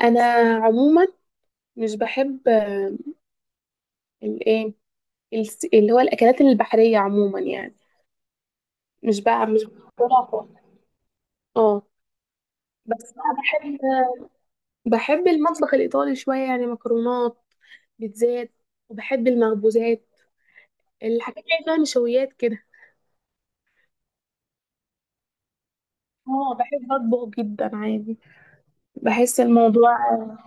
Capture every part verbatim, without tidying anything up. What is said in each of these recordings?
انا عموما مش بحب آه، الايه الس- اللي هو الاكلات البحريه عموما يعني مش بقى مش بفضلها خالص. اه، بس بقى بحب بحب المطبخ الايطالي شويه، يعني مكرونات، بيتزات، وبحب المخبوزات، الحاجات اللي فيها نشويات كده. اه بحب اطبخ جدا عادي. بحس الموضوع آه،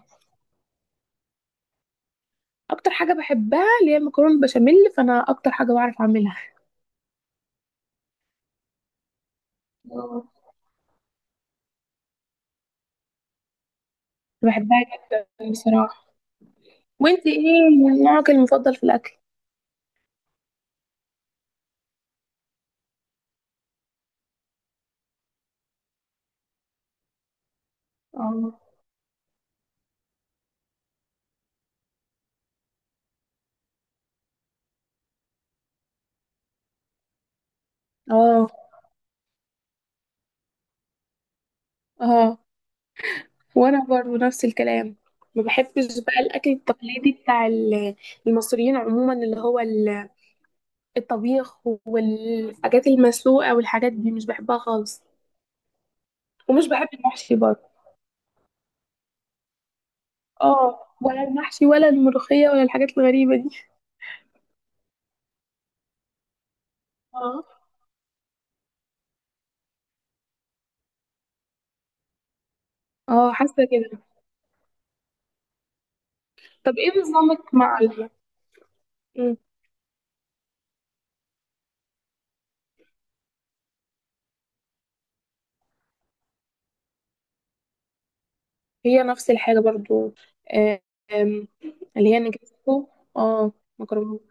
اكتر حاجه بحبها اللي هي المكرونه البشاميل، فانا اكتر حاجه بعرف اعملها. اه بحبها جدا بصراحه. وانت ايه نوعك المفضل في الاكل؟ اه، اه، اه، وانا برضو نفس الكلام. ما بحبش بقى الاكل التقليدي بتاع ال- المصريين عموما، اللي هو ال- الطبيخ والحاجات المسلوقه والحاجات دي، مش بحبها خالص. ومش بحب المحشي برضو. اه، ولا المحشي ولا الملوخيه ولا الحاجات الغريبه دي. اه، اه، حاسه كده. طب ايه نظامك مع ال... مم. هي نفس الحاجه برضو. آه، آم، اللي هي نجرسكو، اه، مكرونات،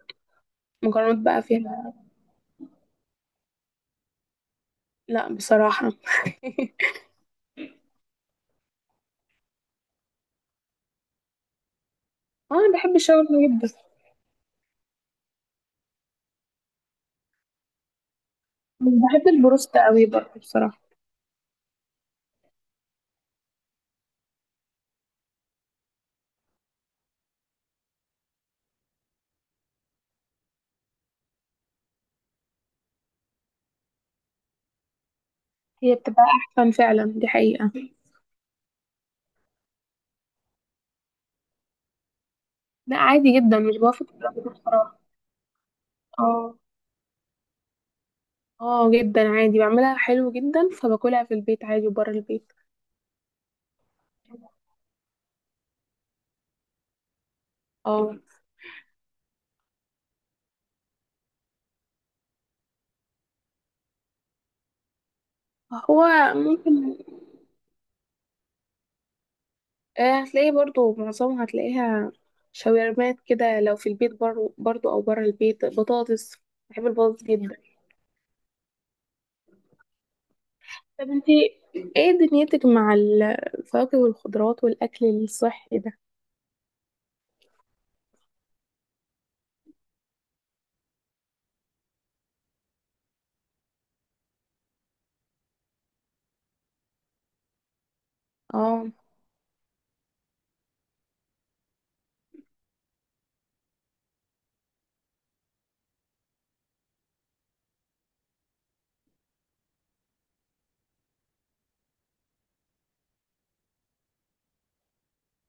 مكرونات بقى فيها. لا بصراحه اه انا بحب الشاورما جدا. مش بحب البروست قوي برضه بصراحه. هي بتبقى احسن فعلا، دي حقيقه. لا، عادي جدا، مش بوافق في الرأي ده بصراحه. اه، اه، جدا عادي، بعملها حلو جدا فباكلها في البيت عادي وبره البيت. اه. هو ممكن آه، هتلاقيه برضو، معظمها هتلاقيها شاورمات كده، لو في البيت برضو, برضو او بره البيت بطاطس. بحب البطاطس جدا. طب انتي ايه دنيتك مع الفواكه والخضروات والاكل الصحي ده؟ اه،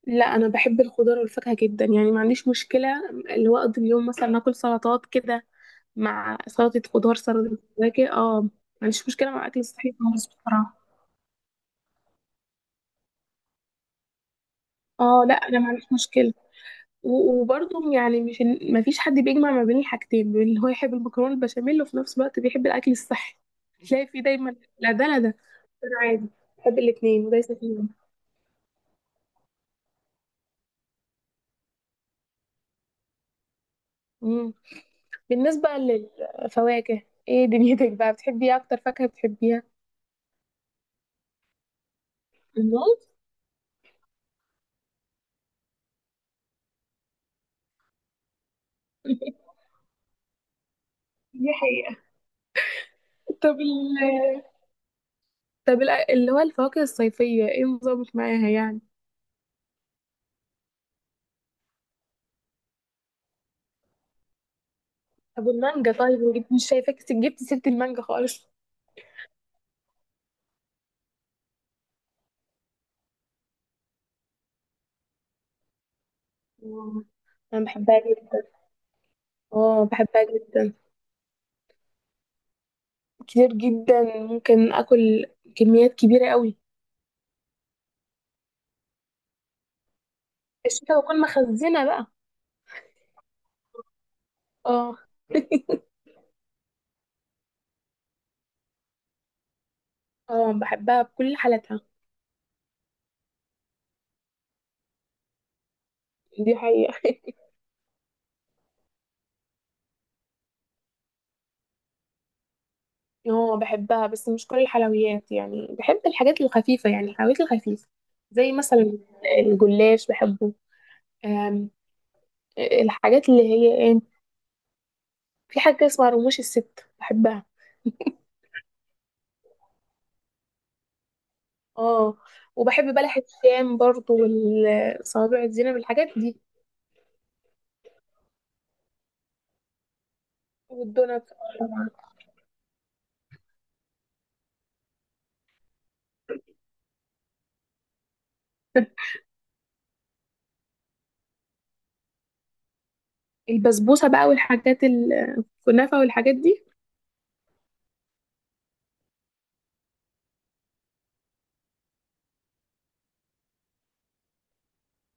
لا انا بحب الخضار والفاكهه جدا، يعني ما عنديش مشكله اللي هو اقضي اليوم مثلا اكل سلطات كده، مع سلطه خضار، سلطه فواكه. اه، ما عنديش مشكله مع اكل الصحي خالص بصراحه. اه، لا انا ما عنديش مشكله. و- وبرضه يعني مش، ما فيش حد بيجمع ما بين الحاجتين، بين اللي هو يحب المكرونه البشاميل وفي نفس الوقت بيحب الاكل الصحي تلاقي فيه دايما لا ده لا ده. انا عادي بحب الاثنين وليس فيهم. مم. بالنسبه للفواكه، ايه دنيتك بقى؟ بتحبي إيه اكتر فاكهه بتحبيها؟ الموز. دي حقيقة. طب ال... طب ال- اللي هو الفواكه الصيفية ايه نظامك معاها يعني؟ طب المانجا طيب، أنا جبت- مش شايفاك س- جبت سيرة المانجا خالص. آه، انا بحبها جدا. اه بحبها جدا كتير جدا، ممكن اكل كميات كبيرة قوي. الشتا بكون مخزنة بقى. اه. اه بحبها بكل حالاتها. دي حقيقة. اه بحبها، بس مش كل الحلويات، يعني بحب الحاجات الخفيفة، يعني الحلويات الخفيفة. زي مثلا الجلاش بحبه. الحاجات اللي هي ايه، في حاجة اسمها رموش الست بحبها. اه، وبحب بلح الشام برضو، والصوابع الزينب، الحاجات دي. والدونات. البسبوسة بقى والحاجات، الكنافة والحاجات دي.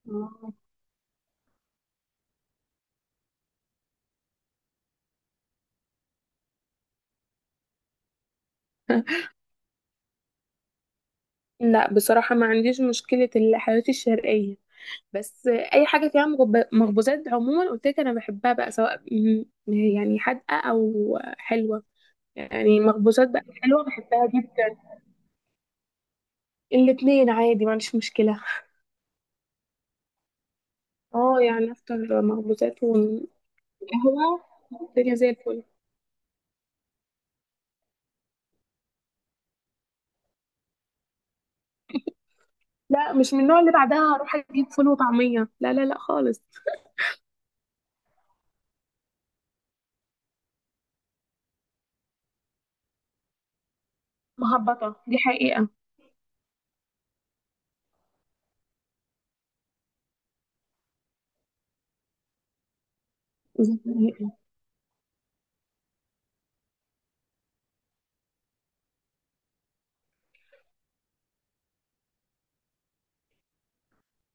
آه. لا بصراحة ما عنديش مشكلة الحلويات الشرقية، بس أي حاجة فيها مغب- مخبوزات عموما، قلت لك أنا بحبها بقى، سواء م- يعني حادقة أو حلوة، يعني مخبوزات بقى حلوة بحبها جدا. الاتنين عادي ما عنديش مشكلة. اه، يعني افطر مخبوزات وقهوة، الدنيا زي الفل. لا مش من النوع اللي بعدها هروح اجيب فول وطعمية، لا لا لا خالص. مهبطة، دي حقيقة. دي حقيقة.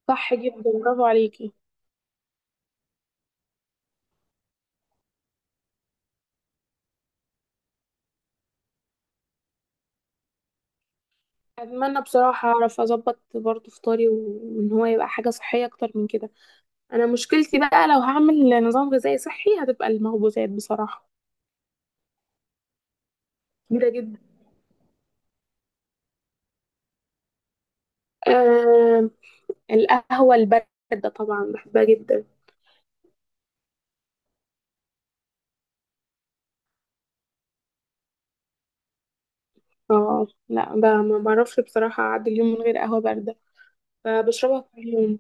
صح جدا، برافو عليكي. اتمنى بصراحة اعرف اظبط برضه فطاري، وان هو يبقى حاجة صحية اكتر من كده. انا مشكلتي بقى لو هعمل نظام غذائي صحي هتبقى المخبوزات بصراحة. كبيرة جدا. آه، القهوة الباردة طبعا بحبها جدا. اه، لا ب- ما بعرفش بصراحة اعدي اليوم من غير قهوة باردة، فبشربها كل يوم.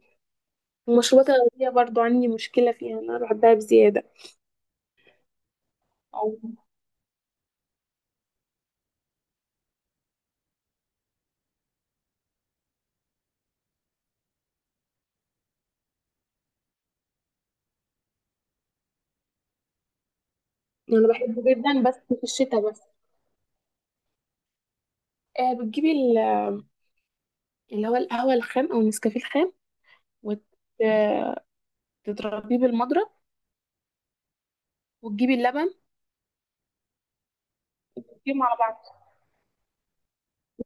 والمشروبات الغازية برضو عندي مشكلة فيها، أنا بحبها بزيادة. أو يعني أنا بحبه جدا بس في الشتاء بس. آه، بتجيبي ال- اللي هو القهوة الخام أو النسكافيه الخام، وتضربيه بالمضرب، وتجيبي اللبن، وتجيبيهم على بعض،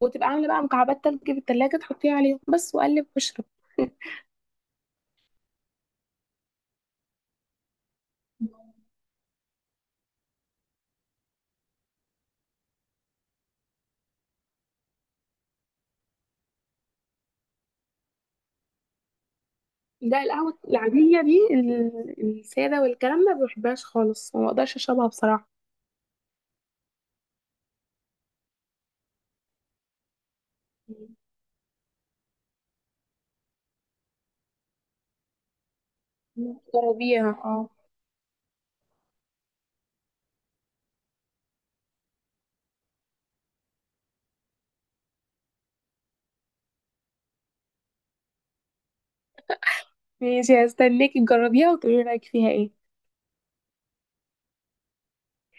وتبقى عاملة بقى مكعبات تلج في التلاجة، تحطيها عليهم بس وقلب واشرب. ده القهوة العادية دي ال- السادة والكلام ده ما بحبهاش خالص، ما بقدرش أشربها بصراحة. جربيها اه. ماشي، هستناكي تجربيها وتقولي رأيك فيها ايه.